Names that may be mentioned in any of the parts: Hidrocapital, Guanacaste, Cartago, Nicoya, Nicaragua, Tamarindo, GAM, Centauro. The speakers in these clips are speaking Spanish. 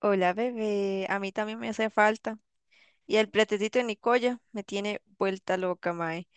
Hola, bebé. A mí también me hace falta. Y el pretecito de Nicoya me tiene vuelta loca, mae.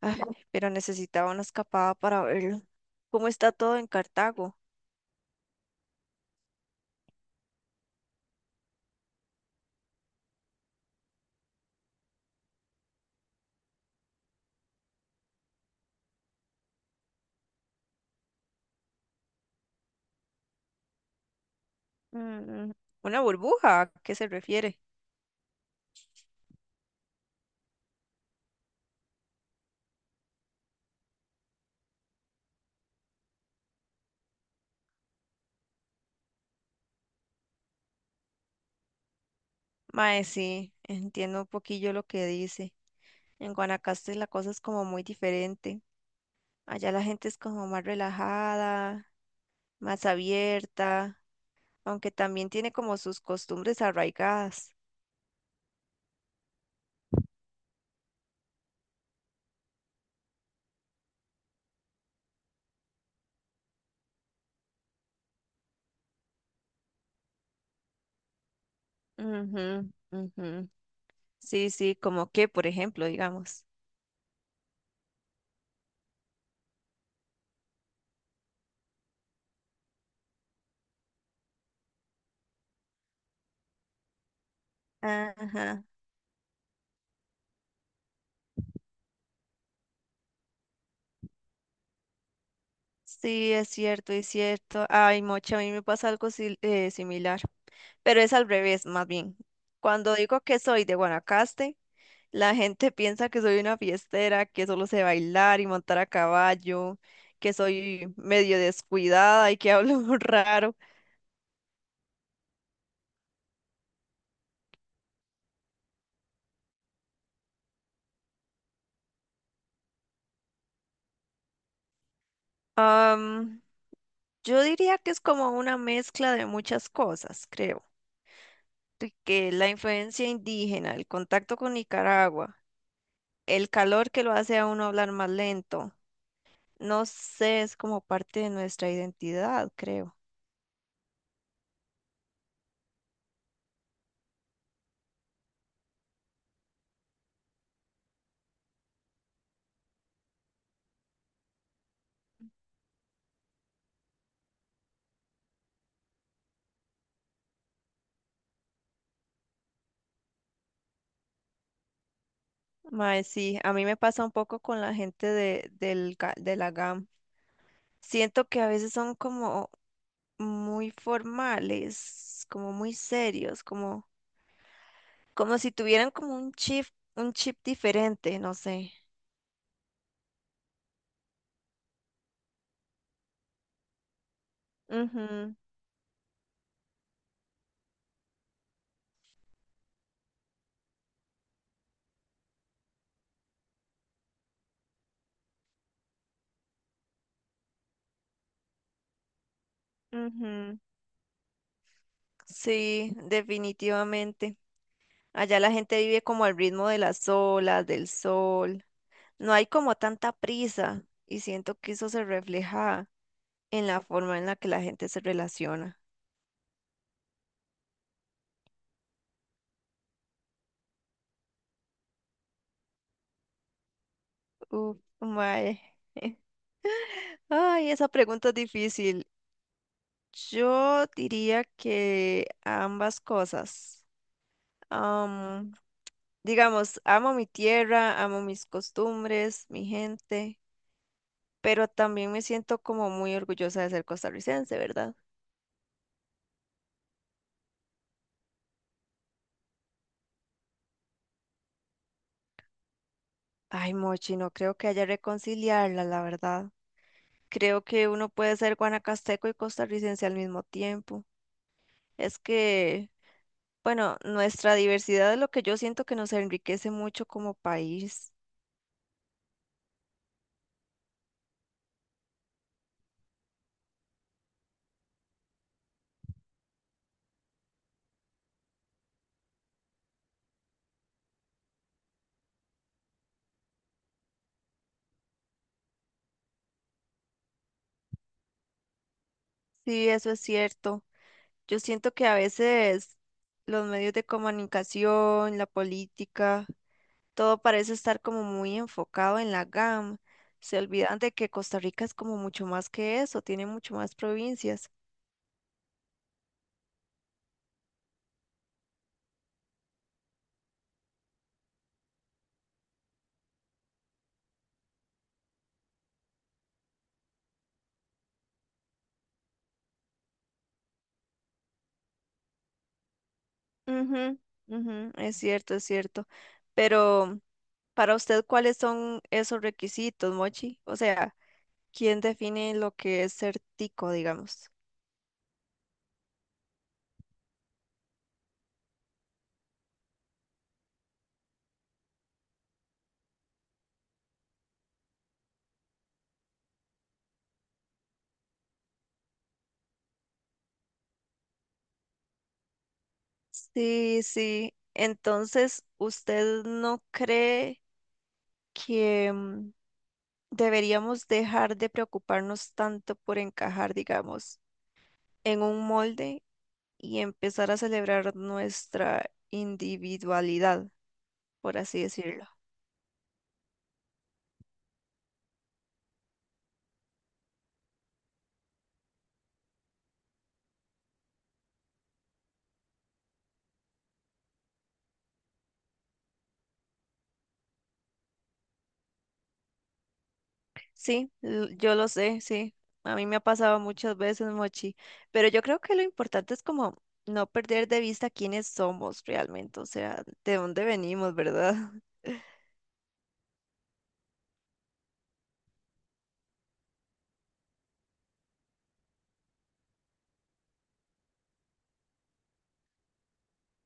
Ay, pero necesitaba una escapada para verlo. ¿Cómo está todo en Cartago? Mm, una burbuja, ¿a qué se refiere? Mae, sí, entiendo un poquillo lo que dice. En Guanacaste la cosa es como muy diferente. Allá la gente es como más relajada, más abierta, aunque también tiene como sus costumbres arraigadas. Ujú, ujú. Sí, sí, como que, por ejemplo, digamos. Ajá. Sí, es cierto, es cierto. Ay, mocha, a mí me pasa algo similar, pero es al revés, más bien. Cuando digo que soy de Guanacaste, la gente piensa que soy una fiestera, que solo sé bailar y montar a caballo, que soy medio descuidada y que hablo raro. Am, yo diría que es como una mezcla de muchas cosas, creo. De Que la influencia indígena, el contacto con Nicaragua. El calor que lo hace a uno hablar más lento. No sé, es como parte de nuestra identidad, creo. Mae, sí, a mí me pasa un poco con la gente de la GAM. Siento que a veces son como muy formales, como muy serios, como, como si tuvieran como un chip diferente, no sé. Ujú, ujú. Sí, definitivamente. Allá la gente vive como al ritmo de las olas, del sol. No hay como tanta prisa y siento que eso se refleja en la forma en la que la gente se relaciona. Uf, mae. Ay, esa pregunta es difícil. Yo diría que ambas cosas. Am, digamos, amo mi tierra, amo mis costumbres, mi gente, pero también me siento como muy orgullosa de ser costarricense, ¿verdad? Ay, Mochi, no creo que haya reconciliarla, la verdad. Creo que uno puede ser guanacasteco y costarricense al mismo tiempo. Es que, bueno, nuestra diversidad es lo que yo siento que nos enriquece mucho como país. Sí, eso es cierto. Yo siento que a veces los medios de comunicación, la política, todo parece estar como muy enfocado en la GAM. Se olvidan de que Costa Rica es como mucho más que eso, tiene mucho más provincias. Ujú, ujú, es cierto, es cierto. Pero... para usted, ¿cuáles son esos requisitos, Mochi? O sea, ¿quién define lo que es ser tico, digamos? Sí, sí. Entonces, ¿usted no cree que deberíamos dejar de preocuparnos tanto por encajar, digamos, en un molde y empezar a celebrar nuestra individualidad, por así decirlo? Sí, yo lo sé, sí. A mí me ha pasado muchas veces, Mochi. Pero yo creo que lo importante es como no perder de vista quiénes somos realmente, o sea, de dónde venimos, ¿verdad?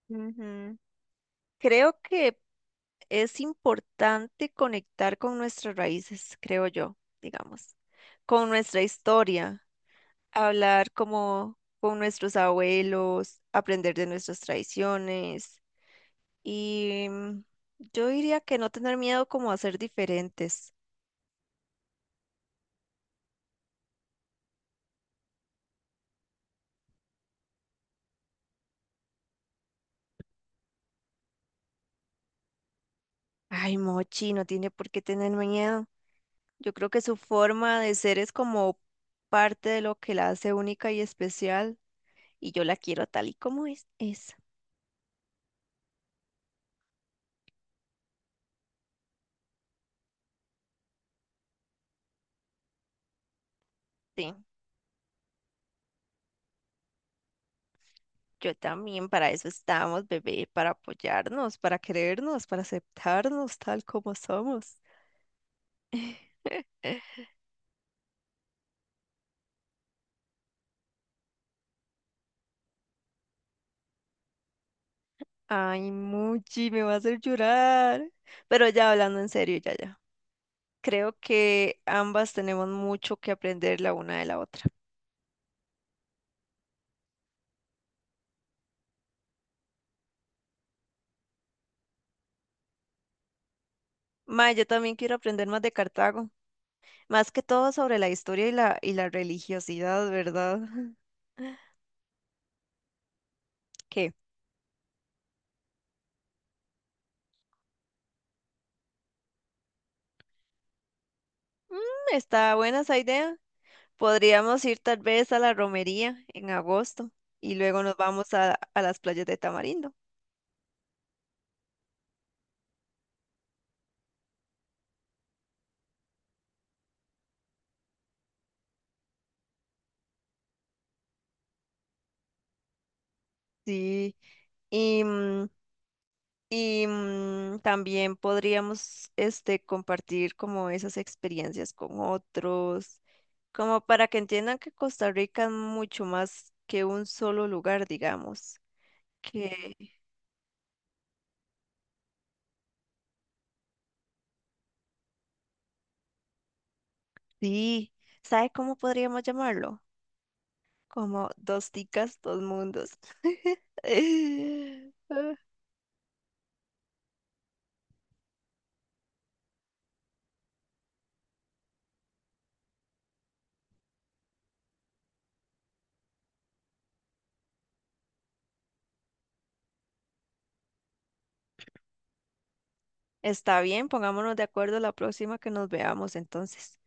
Ujú. Creo que es importante conectar con nuestras raíces, creo yo, digamos, con nuestra historia, hablar como con nuestros abuelos, aprender de nuestras tradiciones. Y mm, yo diría que no tener miedo como a ser diferentes. Ay, Mochi, no tiene por qué tener miedo. Yo creo que su forma de ser es como parte de lo que la hace única y especial. Y yo la quiero tal y como es. Es. Sí, yo también para eso estamos, bebé, para apoyarnos, para querernos, para aceptarnos tal como somos. Ay, Mochi, me va a hacer llorar. Pero ya hablando en serio, ya, ya. Creo que ambas tenemos mucho que aprender la una de la otra. Ma, yo también quiero aprender más de Cartago, más que todo sobre la historia y la religiosidad, ¿verdad? ¿Qué? Mm, está buena esa idea. Podríamos ir tal vez a la romería en agosto y luego nos vamos a las playas de Tamarindo. Sí, y mm, también podríamos este, compartir como esas experiencias con otros, como para que entiendan que Costa Rica es mucho más que un solo lugar, digamos. Que sí, ¿sabe cómo podríamos llamarlo? Como dos ticas, dos mundos. Está bien, pongámonos de acuerdo la próxima que nos veamos entonces.